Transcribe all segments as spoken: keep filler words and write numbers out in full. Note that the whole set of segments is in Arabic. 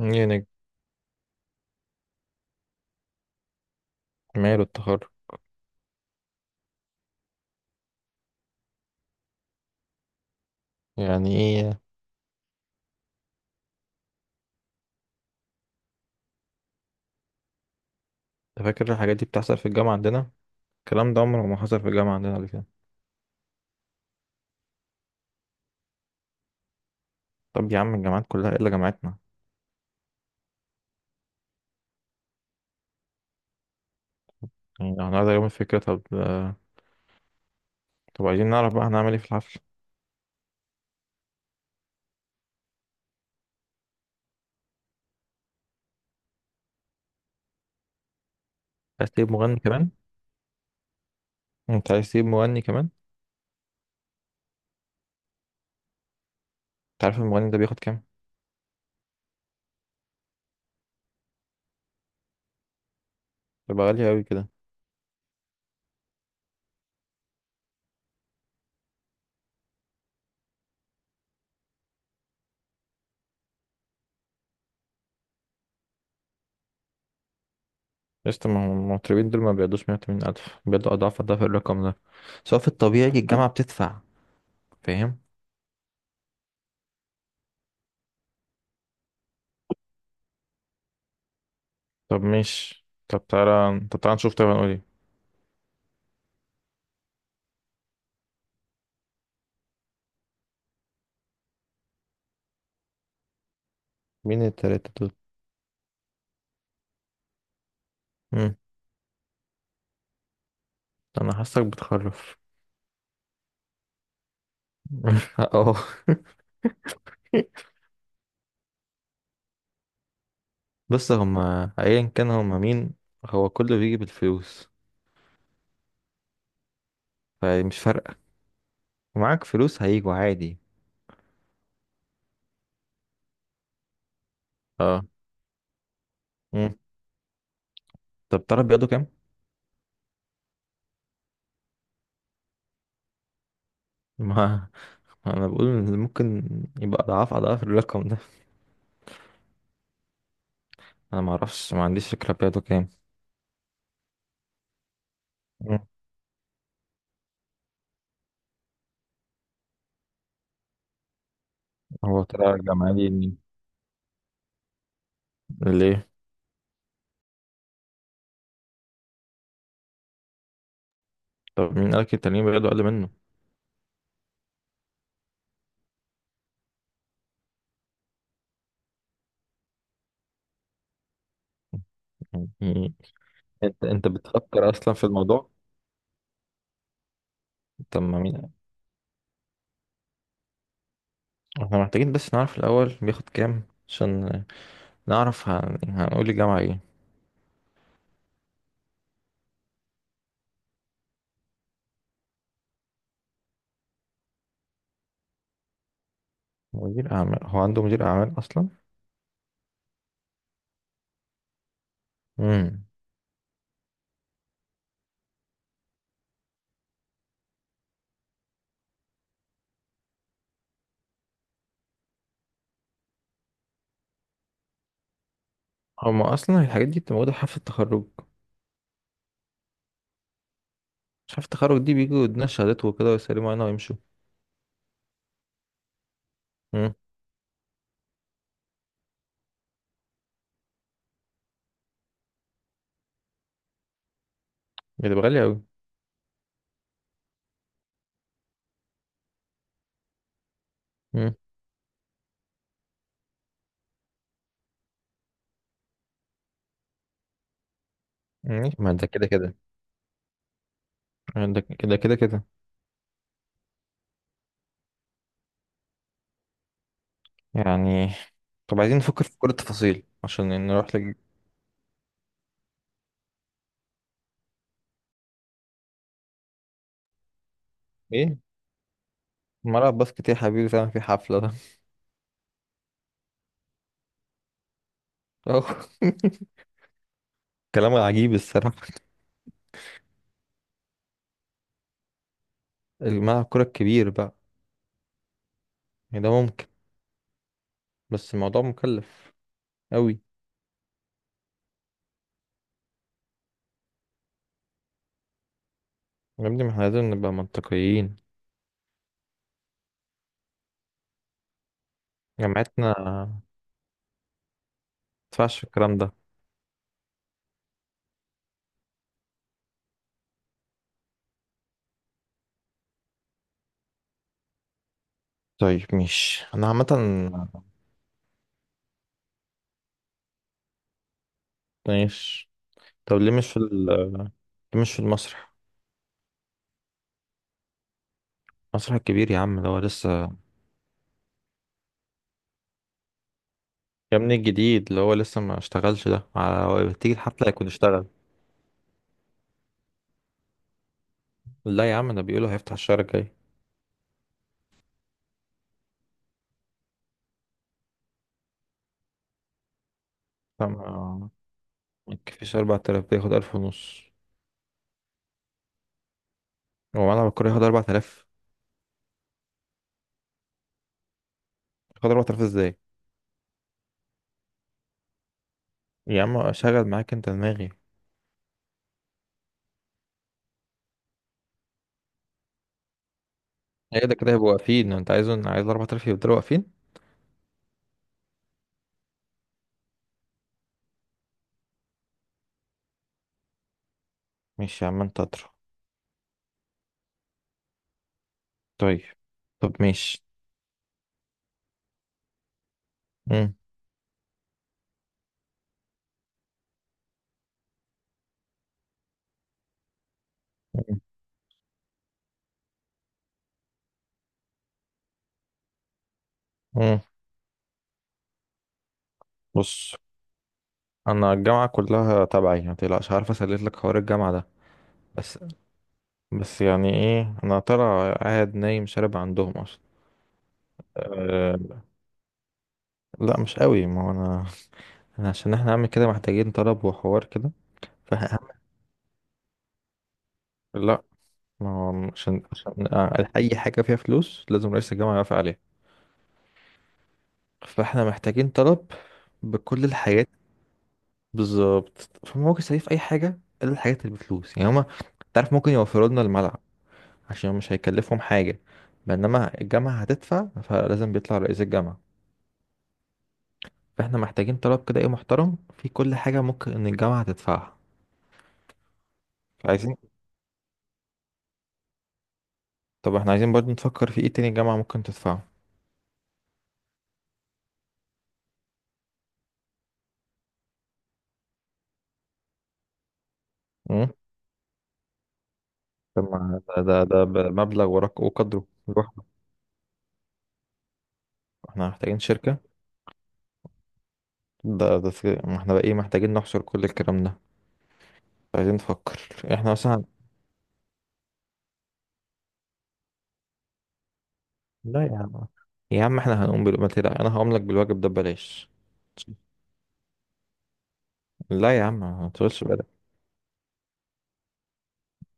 ايه يعني؟ ماله التخرج؟ يعني ايه؟ انت فاكر الحاجات دي بتحصل في الجامعة عندنا؟ الكلام ده عمره ما حصل في الجامعة عندنا قبل كده. طب يا عم، الجامعات كلها الا جامعتنا. يعني هنقعد يوم الفكرة، طب آه، طب عايزين نعرف بقى هنعمل ايه في الحفل. عايز تجيب مغني كمان؟ انت عايز تجيب مغني كمان؟ انت عارف المغني ده بياخد كام؟ بيبقى غالي قوي كده. لسه ما هم المطربين دول ما بيقعدوش مية وتمانين ألف، بيقعدوا أضعاف أضعاف الرقم ده، سواء في الطبيعي الجامعة بتدفع. فاهم؟ طب ماشي، طب تعالى طب تعالى نشوف، طبعا نقول ايه؟ مين التلاتة دول؟ مم. أنا حاسك بتخرف. اه. بس هما ايا كان، هما مين؟ هو كله بيجي بالفلوس، فمش فارقة. ومعاك فلوس هيجوا عادي. اه. مم. طب تعرف بياخدوا كام؟ ما ما انا بقول إن ممكن يبقى اضعاف اضعاف الرقم ده. انا ما اعرفش، ما عنديش فكرة بياخدوا كام. مم. هو طلع جمعي ليه؟ ليه؟ طب مين قالك التانيين بياخدوا اقل منه؟ يعني انت انت بتفكر اصلا في الموضوع؟ طب ما مين، احنا محتاجين بس نعرف الاول بياخد كام، عشان نعرف هن- هنقول الجامعة ايه. مدير أعمال؟ هو عنده مدير أعمال أصلا؟ امم. هما أصلا الحاجات دي بتبقى موجودة في حفلة التخرج؟ مش حفلة التخرج دي بيجوا يدونا شهادات وكده ويسلموا علينا ويمشوا؟ امم. بتبقى غالية أوي. امم. ما ده كده كده، ده كده كده كده يعني. طب عايزين نفكر في كل التفاصيل عشان نروح لج... إيه؟ ملعب باسكت إيه يا حبيبي؟ فعلا في حفلة ده؟ كلام عجيب الصراحة. الملعب كرة الكبير بقى. يعني ده ممكن، بس الموضوع مكلف أوي. يا ابني، ما احنا لازم نبقى منطقيين. جامعتنا ينفعش الكلام ده؟ طيب مش انا عامة. ماشي. طب ليه مش في ال ليه مش في المسرح؟ المسرح الكبير يا عم، اللي هو لسه، يا ابني الجديد، اللي هو لسه ما اشتغلش، ده على- تيجي الحفلة يكون اشتغل. لا يا عم، ده بيقولوا هيفتح الشهر الجاي. فما ما تكفيش أربعة آلاف؟ ده ياخد ألف ونص. هو ملعب الكورة ياخد أربعة آلاف؟ ياخد أربعة آلاف ازاي؟ يا عم، شغل معاك انت دماغي. هي ده كده هيبقوا واقفين؟ انت عايز عايز أربعة آلاف يفضلوا واقفين؟ ماشي يا عم، انت اطرح. طيب. طب ماشي. مم. مم. بص، انا الجامعه كلها تبعي، ما تقلقش، عارف اسلك لك حوار الجامعه ده. بس بس يعني ايه، انا ترى قاعد نايم شارب عندهم اصلا. أه. لا مش قوي، ما هو انا، أنا عشان احنا نعمل كده محتاجين طلب وحوار كده. فاهم؟ لا. ما هو عشان عشان آه، اي حاجه فيها فلوس لازم رئيس الجامعه يوافق عليها. فاحنا محتاجين طلب بكل الحاجات. بالظبط، فممكن يسوي في اي حاجه الا الحاجات اللي بفلوس، يعني هما، تعرف، ممكن يوفروا لنا الملعب، عشان مش هيكلفهم حاجة، بينما الجامعة هتدفع فلازم بيطلع رئيس الجامعة. فاحنا محتاجين طلب كده ايه، محترم، في كل حاجة ممكن ان الجامعة تدفعها. عايزين، طب احنا عايزين برضو نفكر في ايه تاني الجامعة ممكن تدفعه. امم. طب ما ده ده ده ب- مبلغ ورق وقدره لوحده. احنا محتاجين شركة. ده ده في- ما احنا بقى ايه، محتاجين نحصر كل الكلام ده. عايزين نفكر. احنا مثلا، لا يا عم، يا عم احنا هنقوم بالواجب، انا هقوم لك بالواجب ده ببلاش. لا يا عم، ما تشغلش بالك.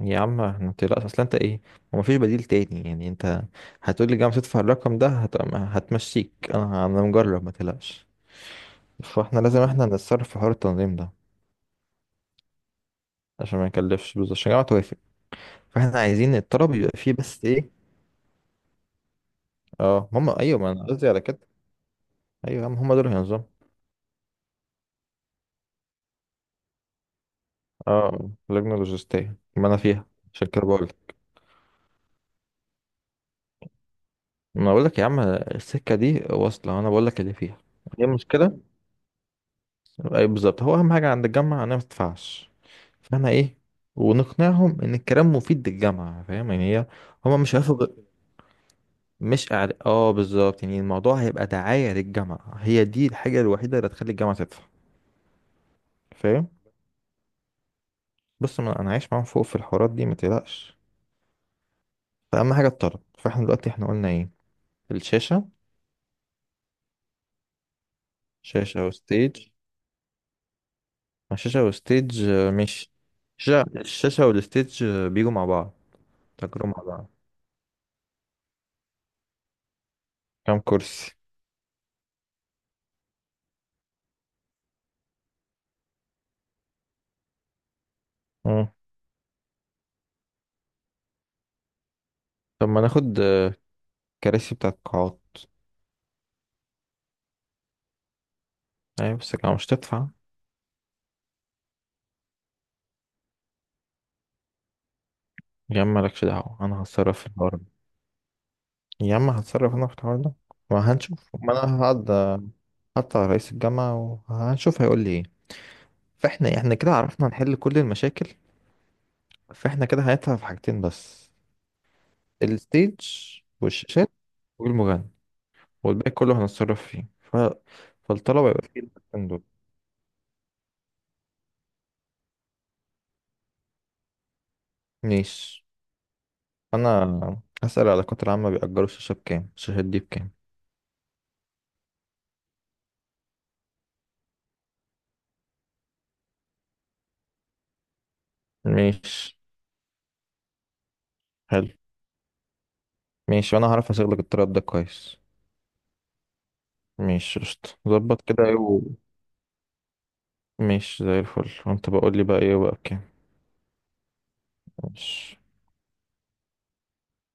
يا عم ما تقلقش، اصل انت ايه، هو مفيش بديل تاني يعني؟ انت هتقول لي جامعة تدفع الرقم ده؟ هت... هتمشيك، انا انا مجرب، ما تقلقش. فاحنا لازم احنا نتصرف في حوار التنظيم ده عشان ما يكلفش، بالظبط عشان الجامعة توافق. فاحنا عايزين الطلب يبقى فيه بس ايه. اه هم، ايوه، ما انا قصدي على كده. ايوه يا عم، هم دول هينظموا. اه، لجنة لوجستية، ما انا فيها. عشان كده بقول لك. ما انا بقول لك يا عم، السكة دي واصلة، وانا بقول لك اللي فيها. ايه المشكلة؟ اي بالظبط، هو اهم حاجة عند الجامعة انا ما تدفعش. فاهمة ايه؟ ونقنعهم ان الكلام مفيد للجامعة، فاهم يعني، هي هما مش هياخدوا. مش أعل... اه بالظبط، يعني الموضوع هيبقى دعاية للجامعة، هي دي الحاجة الوحيدة اللي هتخلي الجامعة تدفع. فاهم؟ بص، ما انا عايش معاهم فوق في الحوارات دي، ما تقلقش. فأهم حاجة الطلب. فاحنا دلوقتي احنا قلنا ايه؟ الشاشة. شاشة وستيج. ما الشاشة وستيج آه، مش، الشاشة الشاشة والستيج آه، بيجوا مع بعض. تجربة مع بعض. كام كرسي؟ مم. طب ما ناخد آه، كراسي بتاعت قاعات. يعني بس الجامعة مش تدفع. يا عم مالكش دعوة، أنا هتصرف في الحوار ده. يا عم هتصرف أنا في الحوار ده، وهنشوف، ما أنا هقعد حتى على رئيس الجامعة وهنشوف هيقول لي إيه. فإحنا إحنا كده عرفنا نحل كل المشاكل. فإحنا كده هندفع في حاجتين بس. الستيج والشاشات والمغني. والباقي كله هنتصرف فيه ف... فالطلبة يبقى فيه الحاجتين دول. ماشي. أنا هسأل العلاقات العامة بيأجروا الشاشة بكام، الشاشات دي بكام. ماشي. حلو. ماشي، وأنا هعرف أشغلك الطلب ده كويس. مش قشطة، ظبط كده ايه و... مش زي الفل. وانت بقول لي بقى ايه بقى بكام. مش